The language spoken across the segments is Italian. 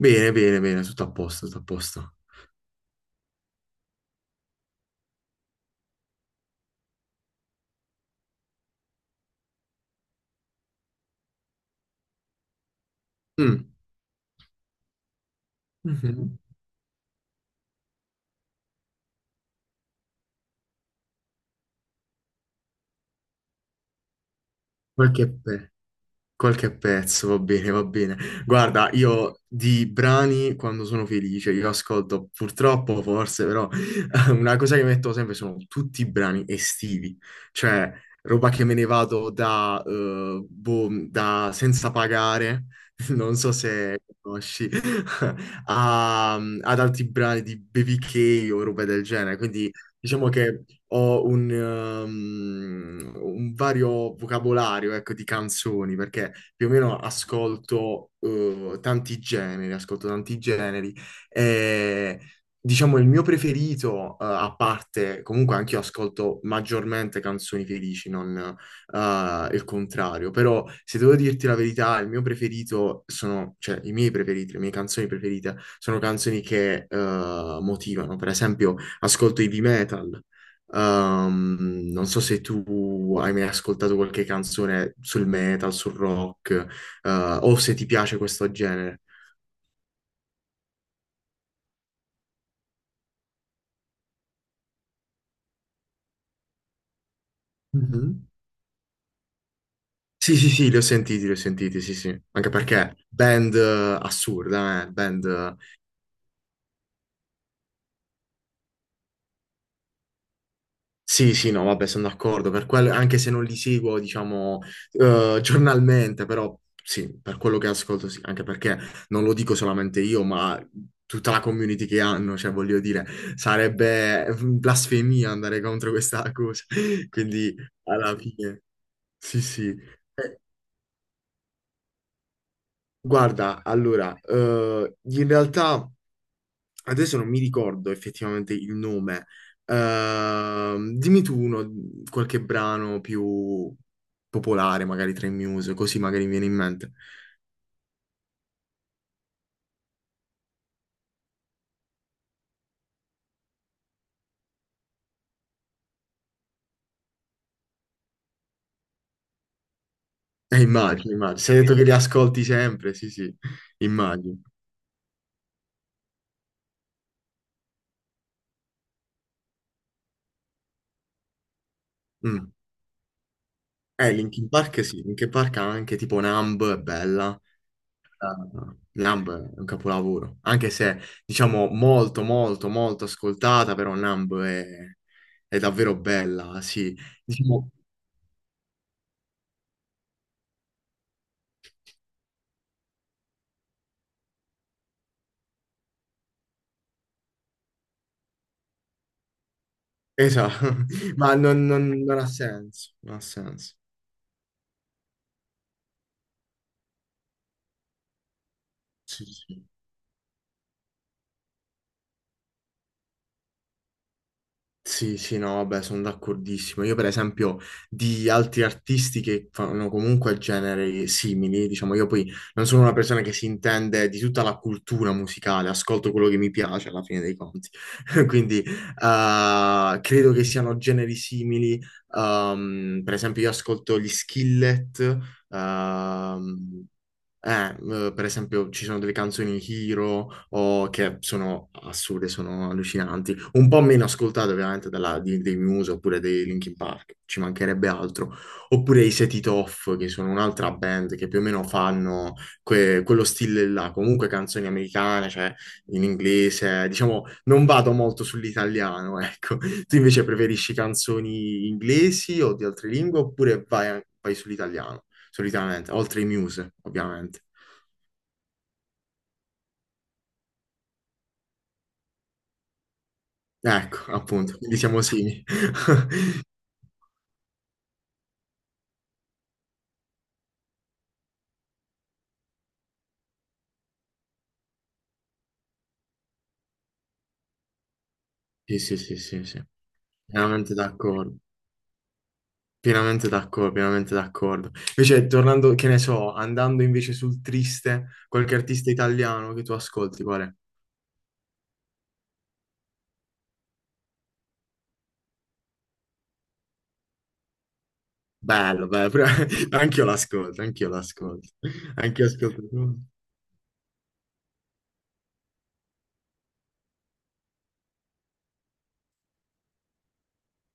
Bene, bene, bene, tutto a posto, tutto a posto. Mm, mhm. Qualche, pe- qualche pezzo, va bene, va bene. Guarda, io di brani quando sono felice, io ascolto purtroppo, forse, però una cosa che metto sempre sono tutti i brani estivi, cioè roba che me ne vado da, boh, da senza pagare, non so se conosci, ad altri brani di BBK o roba del genere, quindi. Diciamo che ho un vario vocabolario, ecco, di canzoni, perché più o meno ascolto, tanti generi, ascolto tanti generi. E, diciamo, il mio preferito, a parte, comunque anche io ascolto maggiormente canzoni felici, non, il contrario. Però, se devo dirti la verità, il mio preferito sono, cioè, i miei preferiti, le mie canzoni preferite sono canzoni che, motivano. Per esempio ascolto heavy metal. Non so se tu hai mai ascoltato qualche canzone sul metal, sul rock, eh, o se ti piace questo genere. Mhm. Sì, sì, sì, li ho sentiti, sì, sì. Anche perché band assurda, eh? Band. Sì, sì, no, vabbè, sono d'accordo, anche se non li seguo, diciamo, giornalmente, però sì, per quello che ascolto, sì, anche perché non lo dico solamente io, ma tutta la community che hanno, cioè, voglio dire, sarebbe blasfemia andare contro questa cosa, quindi alla fine, sì, sì. Guarda, allora, in realtà. Adesso non mi ricordo effettivamente il nome. Dimmi tu uno, qualche brano più popolare, magari tra i Muse, così magari mi viene in mente. Immagino, immagino. Se hai detto che li ascolti sempre, sì, sì, immagino. Mm. Linkin Park sì, Linkin Park ha anche tipo Numb, è bella. Numb è un capolavoro, anche se diciamo molto, molto, molto ascoltata, però Numb è davvero bella, sì. Diciamo, esatto, ma non ha senso, non ha senso. Sì, sì. Sì, sì, sì, no, vabbè, sono d'accordissimo. Io, per esempio, di altri artisti che fanno comunque generi simili, diciamo, io poi non sono una persona che si intende di tutta la cultura musicale, ascolto quello che mi piace alla fine dei conti. Quindi, credo che siano generi simili. Per esempio, io ascolto gli Skillet, ehm, Eh, per esempio, ci sono delle canzoni Hero che sono assurde, sono allucinanti, un po' meno ascoltate ovviamente dei Muse oppure dei Linkin Park, ci mancherebbe altro, oppure i Set It Off, che sono un'altra band che più o meno fanno quello stile là, comunque canzoni americane, cioè in inglese, diciamo, non vado molto sull'italiano, ecco. Tu invece preferisci canzoni inglesi o di altre lingue oppure vai sull'italiano? Solitamente, oltre i Muse, ovviamente. Ecco, appunto, quindi siamo simili. Sì, sì, sì, sì, sì, pienamente d'accordo, pienamente d'accordo, pienamente d'accordo. Invece, tornando, che ne so, andando invece sul triste, qualche artista italiano che tu ascolti, qual è? Bello, bello, anch'io l'ascolto, anch'io l'ascolto, anch'io ascolto.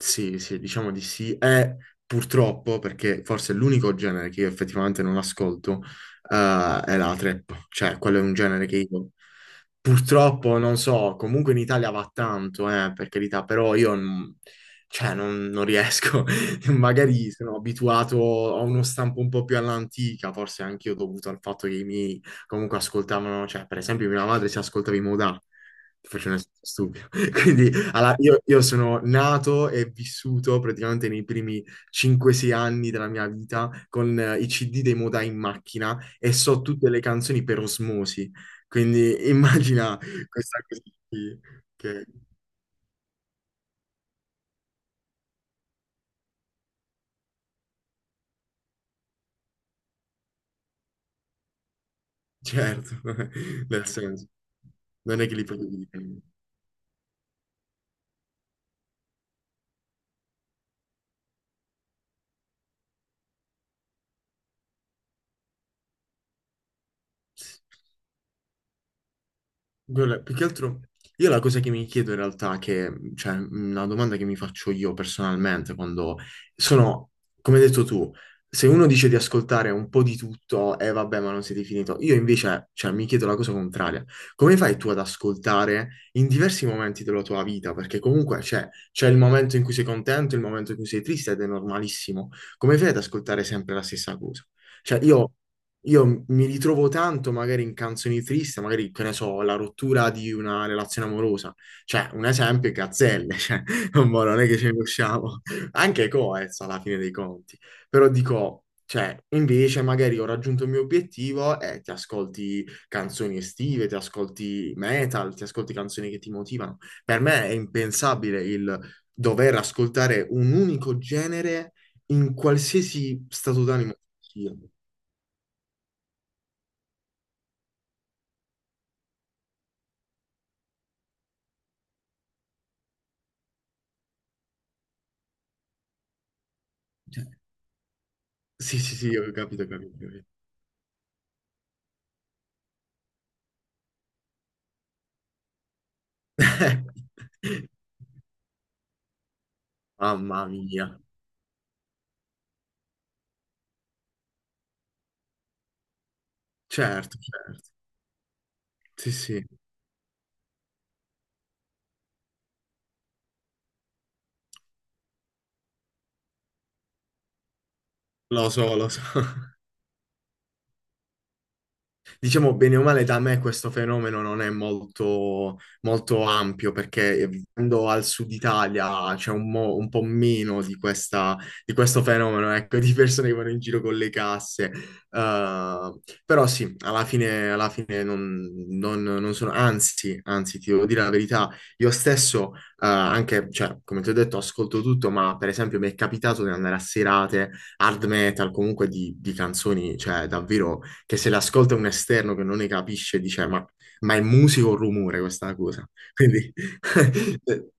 Sì, sì, diciamo di sì. E purtroppo, perché forse è l'unico genere che io effettivamente non ascolto, è la trap. Cioè, quello è un genere che io purtroppo non so, comunque in Italia va tanto, per carità, però io non, cioè, non riesco. Magari sono abituato a uno stampo un po' più all'antica, forse anche io dovuto al fatto che i miei comunque ascoltavano, cioè, per esempio, mia madre si ascoltava i Modà. Ti faccio un esempio stupido. Quindi allora, io sono nato e vissuto praticamente nei primi 5-6 anni della mia vita con i CD dei Modà in macchina e so tutte le canzoni per osmosi. Quindi immagina questa cosa qui, che certo, nel senso, non è che li potevi dire. Guarda, più che altro, io la cosa che mi chiedo in realtà, che, cioè, una domanda che mi faccio io personalmente, quando sono, come hai detto tu, se uno dice di ascoltare un po' di tutto e vabbè, ma non siete finito, io invece, cioè, mi chiedo la cosa contraria. Come fai tu ad ascoltare in diversi momenti della tua vita? Perché comunque c'è il momento in cui sei contento, il momento in cui sei triste ed è normalissimo. Come fai ad ascoltare sempre la stessa cosa? Cioè, io mi ritrovo tanto magari in canzoni tristi, magari, che ne so, la rottura di una relazione amorosa. Cioè, un esempio è Gazzelle, cioè, mo non è che ce ne usciamo. Anche Coez alla fine dei conti. Però dico, cioè, invece magari ho raggiunto il mio obiettivo e ti ascolti canzoni estive, ti ascolti metal, ti ascolti canzoni che ti motivano. Per me è impensabile il dover ascoltare un unico genere in qualsiasi stato d'animo sia. Cioè, sì, sì, sì, ho capito, ho capito, ho capito. Mamma mia. Certo, certo. Sì, sì, lo so, lo so. Diciamo bene o male, da me questo fenomeno non è molto, molto ampio perché vivendo al sud Italia c'è un po' meno di, di questo fenomeno, ecco, di persone che vanno in giro con le casse. Eh, però sì, alla fine non, non sono, anzi, anzi, ti devo dire la verità, io stesso, anche, cioè, come ti ho detto, ascolto tutto, ma per esempio mi è capitato di andare a serate hard metal, comunque di canzoni, cioè davvero che se l'ascolta un esterno che non ne capisce, dice: Ma è musica o rumore questa cosa? Quindi,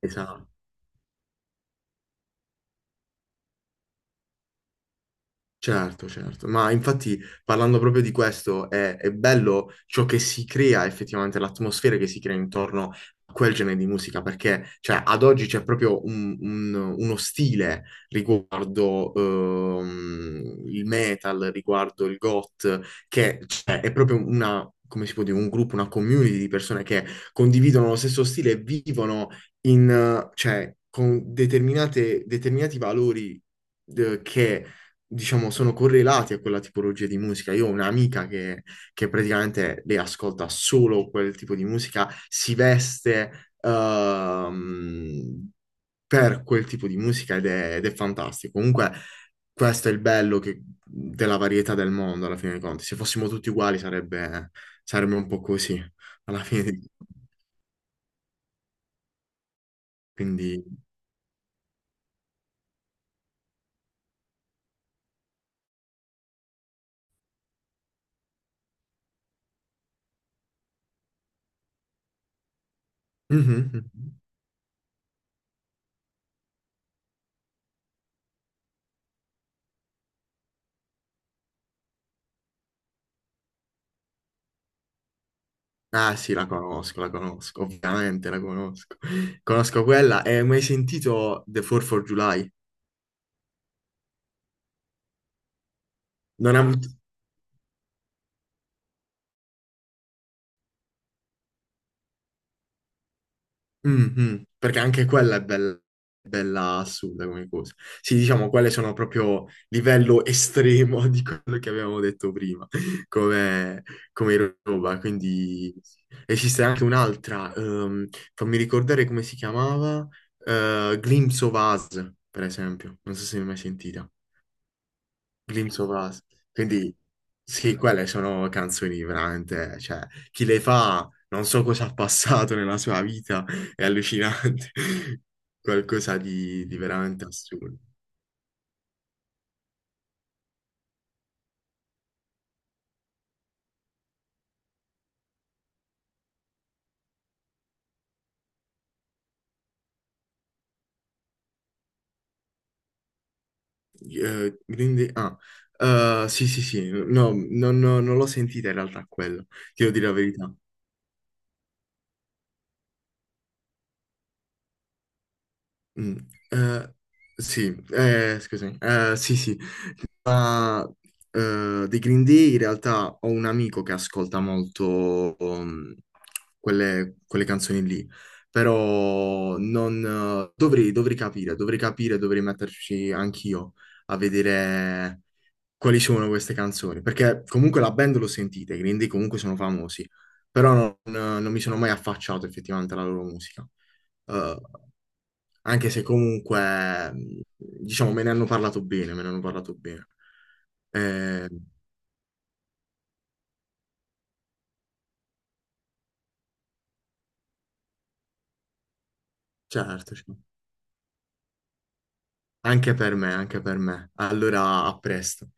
esatto. Certo, certo, ma infatti parlando proprio di questo è bello ciò che si crea effettivamente, l'atmosfera che si crea intorno a quel genere di musica, perché cioè, ad oggi c'è proprio uno stile riguardo il metal, riguardo il goth, che cioè, è proprio una, come si può dire, un gruppo, una community di persone che condividono lo stesso stile e vivono in, cioè, con determinati valori che diciamo, sono correlati a quella tipologia di musica. Io ho un'amica che praticamente lei ascolta solo quel tipo di musica, si veste ehm, per quel tipo di musica ed è fantastico. Comunque, questo è il bello della varietà del mondo, alla fine dei conti. Se fossimo tutti uguali sarebbe un po' così, alla fine dei conti. Quindi. Mhm. Mhm. Ah sì, la conosco, ovviamente la conosco. Conosco quella e hai mai sentito The 4th of July? Non ha avuto. Mm, mm, perché anche quella è bella, bella assurda come cosa. Sì, diciamo, quelle sono proprio livello estremo di quello che avevamo detto prima, come, come roba. Quindi esiste anche un'altra, fammi ricordare come si chiamava, Glimpse of Us, per esempio. Non so se ne hai mai sentita. Glimpse of Us. Quindi sì, quelle sono canzoni veramente, cioè, chi le fa non so cosa ha passato nella sua vita, è allucinante, qualcosa di veramente assurdo. Quindi, sì, sì, sì, no, non l'ho sentita in realtà quello, ti devo dire la verità. Mm, eh, sì, scusami, sì, sì, Ah, dei Green Day in realtà ho un amico che ascolta molto quelle canzoni lì, però non, dovrei capire, dovrei capire, dovrei metterci anch'io a vedere quali sono queste canzoni, perché comunque la band l'ho sentita, i Green Day comunque sono famosi, però non mi sono mai affacciato effettivamente alla loro musica. Eh, anche se comunque, diciamo, me ne hanno parlato bene, me ne hanno parlato bene. Eh, certo, certo. Anche per me, anche per me. Allora, a presto.